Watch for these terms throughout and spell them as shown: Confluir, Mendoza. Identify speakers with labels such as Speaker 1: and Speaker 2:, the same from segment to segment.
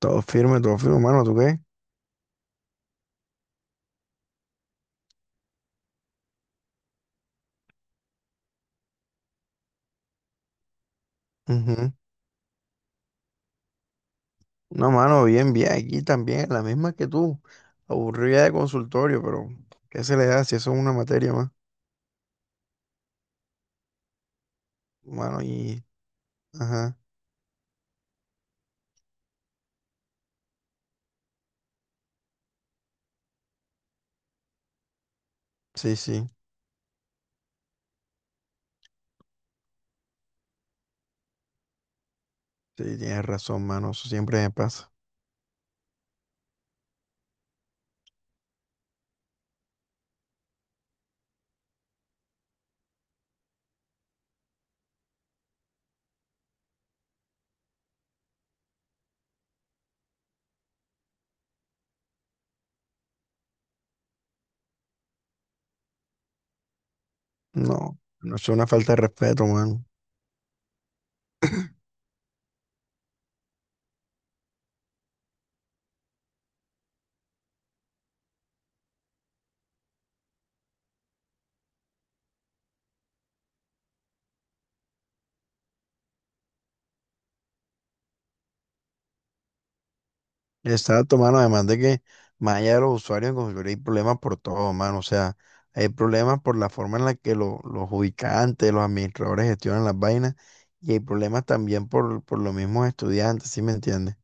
Speaker 1: Todo firme, mano, ¿tú qué? Ujú. No, mano, bien, bien, aquí también, la misma que tú. Aburrida de consultorio, pero ¿qué se le da si eso es una materia más? Mano, y... Ajá, sí, sí, sí, tienes razón, mano, eso siempre me pasa. No, no es una falta de respeto, mano. Exacto, mano. Además de que más allá de los usuarios en Confluir hay problemas por todo, mano. O sea, hay problemas por la forma en la que los ubicantes, los administradores gestionan las vainas y hay problemas también por los mismos estudiantes, ¿sí me entiendes?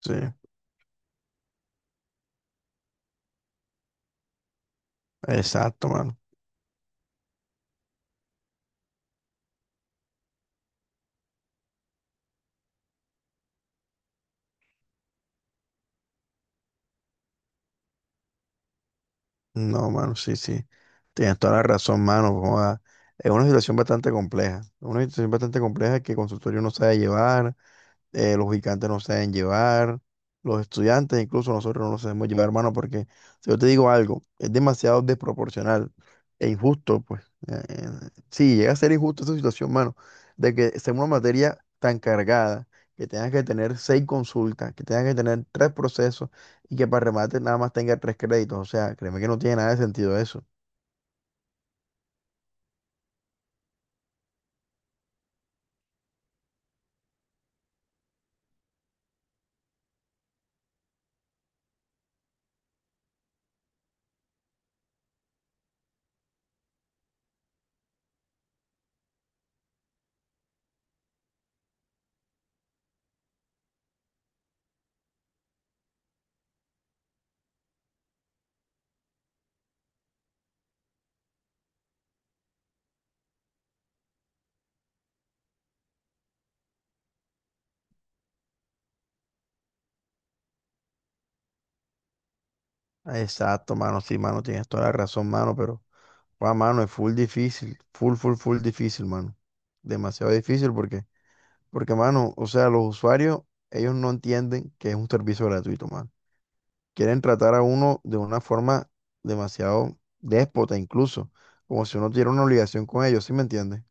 Speaker 1: Sí, exacto, mano. No, mano, sí, sí. Tienes toda la razón, mano. Joda. Es una situación bastante compleja. Una situación bastante compleja que el consultorio no sabe llevar. Los gigantes no se deben llevar, los estudiantes, incluso nosotros no nos debemos llevar, hermano, porque si yo te digo algo, es demasiado desproporcional e injusto, pues eh, eh, sí, llega a ser injusto esa situación, mano, de que sea una materia tan cargada, que tengas que tener seis consultas, que tengas que tener tres procesos y que para remate nada más tenga tres créditos, o sea, créeme que no tiene nada de sentido eso. Exacto, mano, sí, mano, tienes toda la razón, mano, pero... Guau, mano, es full difícil, full, full, full difícil, mano. Demasiado difícil porque mano, o sea, los usuarios, ellos no entienden que es un servicio gratuito, mano. Quieren tratar a uno de una forma demasiado déspota, incluso, como si uno tuviera una obligación con ellos, ¿sí me entiendes?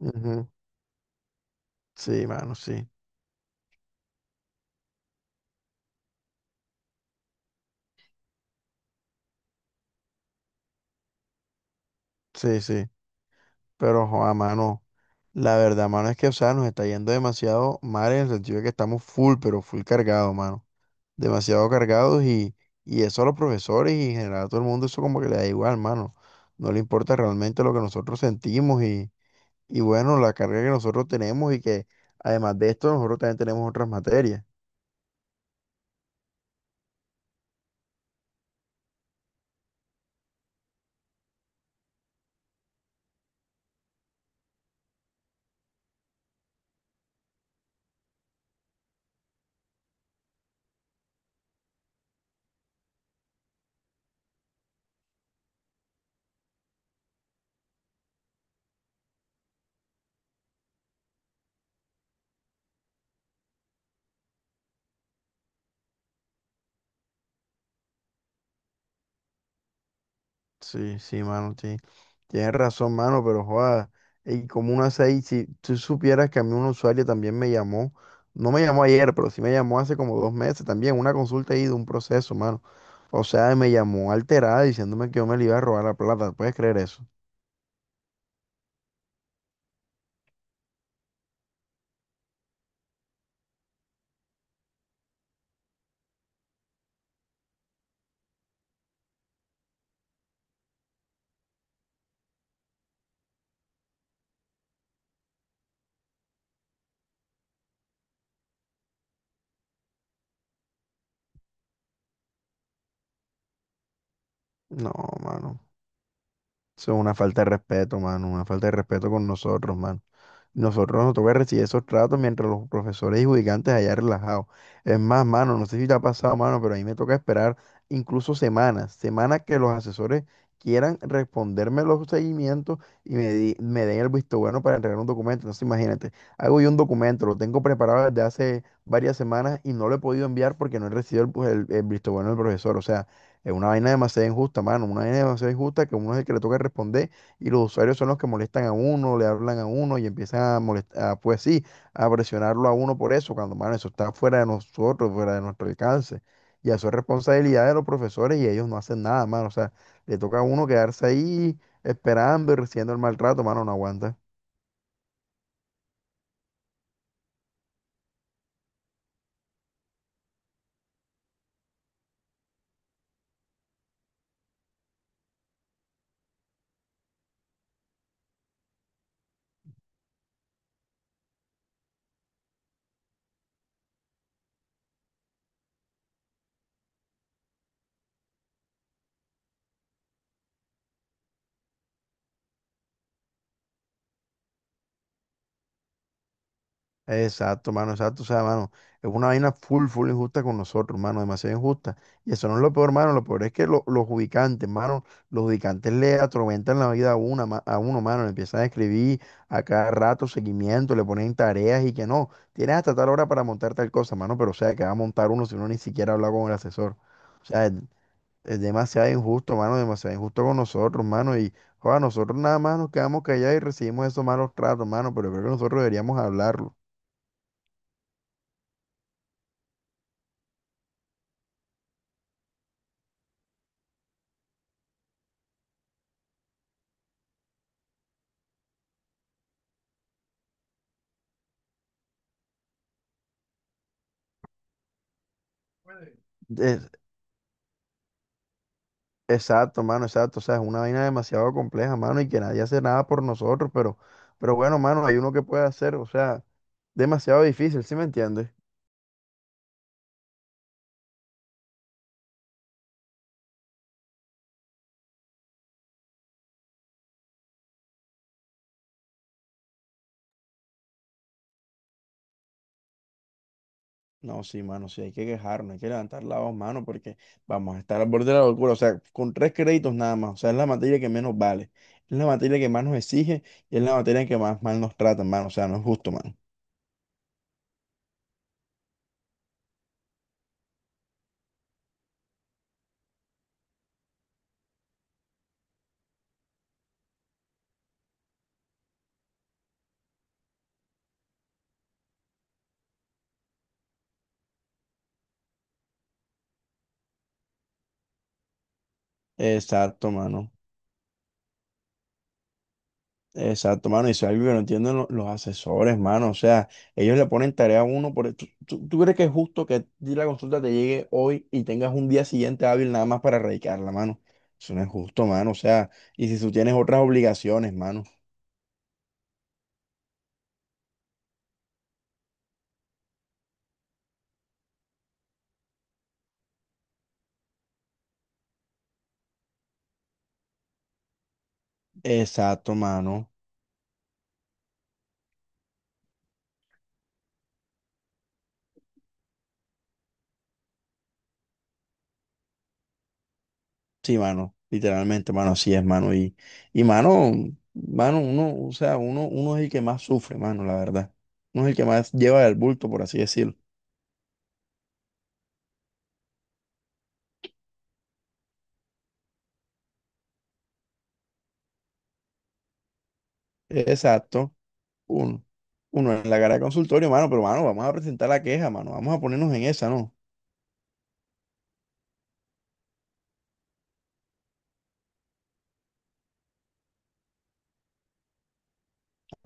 Speaker 1: Ujú. Sí, mano, sí, sí, sí. Pero, joa, mano, la verdad, mano, es que, o sea, nos está yendo demasiado mal en el sentido de que estamos full, pero full cargado, mano. Demasiado cargados y eso a los profesores y en general a todo el mundo eso como que le da igual, mano. No le importa realmente lo que nosotros sentimos y bueno, la carga que nosotros tenemos y que además de esto nosotros también tenemos otras materias. Sí, sí, mano, sí. Tienes razón, mano, pero joda, y como una seis, si tú supieras que a mí un usuario también me llamó, no me llamó ayer, pero sí me llamó hace como 2 meses también, una consulta ahí de un proceso, mano. O sea, me llamó alterada diciéndome que yo me le iba a robar la plata, ¿puedes creer eso? No, mano. Eso es una falta de respeto, mano. Una falta de respeto con nosotros, mano. Nosotros nos toca recibir esos tratos mientras los profesores y judicantes allá relajados. Es más, mano, no sé si te ha pasado, mano, pero a mí me toca esperar incluso semanas, semanas que los asesores quieran responderme los seguimientos y me den el visto bueno para entregar un documento. Entonces, imagínate, hago yo un documento, lo tengo preparado desde hace varias semanas y no lo he podido enviar porque no he recibido el, pues, el visto bueno del profesor. O sea, es una vaina demasiado injusta, mano, una vaina demasiado injusta que a uno es el que le toca responder y los usuarios son los que molestan a uno, le hablan a uno y empiezan a molestar, pues sí, a presionarlo a uno por eso, cuando, mano, eso está fuera de nosotros, fuera de nuestro alcance. Y eso es responsabilidad de los profesores y ellos no hacen nada, mano. O sea, le toca a uno quedarse ahí esperando y recibiendo el maltrato, mano, no aguanta. Exacto, mano, exacto. O sea, mano, es una vaina full, full injusta con nosotros, mano, demasiado injusta. Y eso no es lo peor, mano. Lo peor es que los ubicantes, mano, los ubicantes le atormentan la vida a, una, a uno, mano. Le empiezan a escribir a cada rato seguimiento, le ponen tareas y que no. Tienes hasta tal hora para montar tal cosa, mano, pero o sea, que va a montar uno si uno ni siquiera habla con el asesor. O sea, es demasiado injusto, mano, demasiado injusto con nosotros, mano. Y, joder, nosotros nada más nos quedamos callados y recibimos esos malos tratos, mano, pero creo que nosotros deberíamos hablarlo. Es- exacto, mano, exacto. O sea, es una vaina demasiado compleja, mano, y que nadie hace nada por nosotros, pero bueno, mano, hay uno que puede hacer, o sea, demasiado difícil, ¿sí me entiendes? No, sí, mano, sí, hay que quejarnos, hay que levantar la voz, mano, porque vamos a estar al borde de la locura. O sea, con tres créditos nada más. O sea, es la materia que menos vale, es la materia que más nos exige y es la materia en que más mal nos tratan, mano. O sea, no es justo, mano. Exacto, mano. Exacto, mano, y eso es algo que no entienden los asesores, mano. O sea, ellos le ponen tarea a uno por... tú crees que es justo que a ti la consulta te llegue hoy y tengas un día siguiente hábil nada más para erradicarla, mano? Eso no es justo, mano. O sea, y si tú tienes otras obligaciones, mano. Exacto, mano. Sí, mano. Literalmente, mano, así es, mano. Y mano, mano, uno, o sea, uno es el que más sufre, mano, la verdad. Uno es el que más lleva el bulto, por así decirlo. Exacto. Uno. Uno en la cara de consultorio, mano, pero mano, vamos a presentar la queja, mano. Vamos a ponernos en esa, ¿no?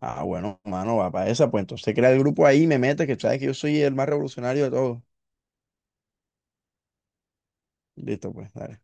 Speaker 1: Ah, bueno, mano, va para esa, pues entonces crea el grupo ahí, y me mete, que sabes que yo soy el más revolucionario de todos. Listo, pues, dale.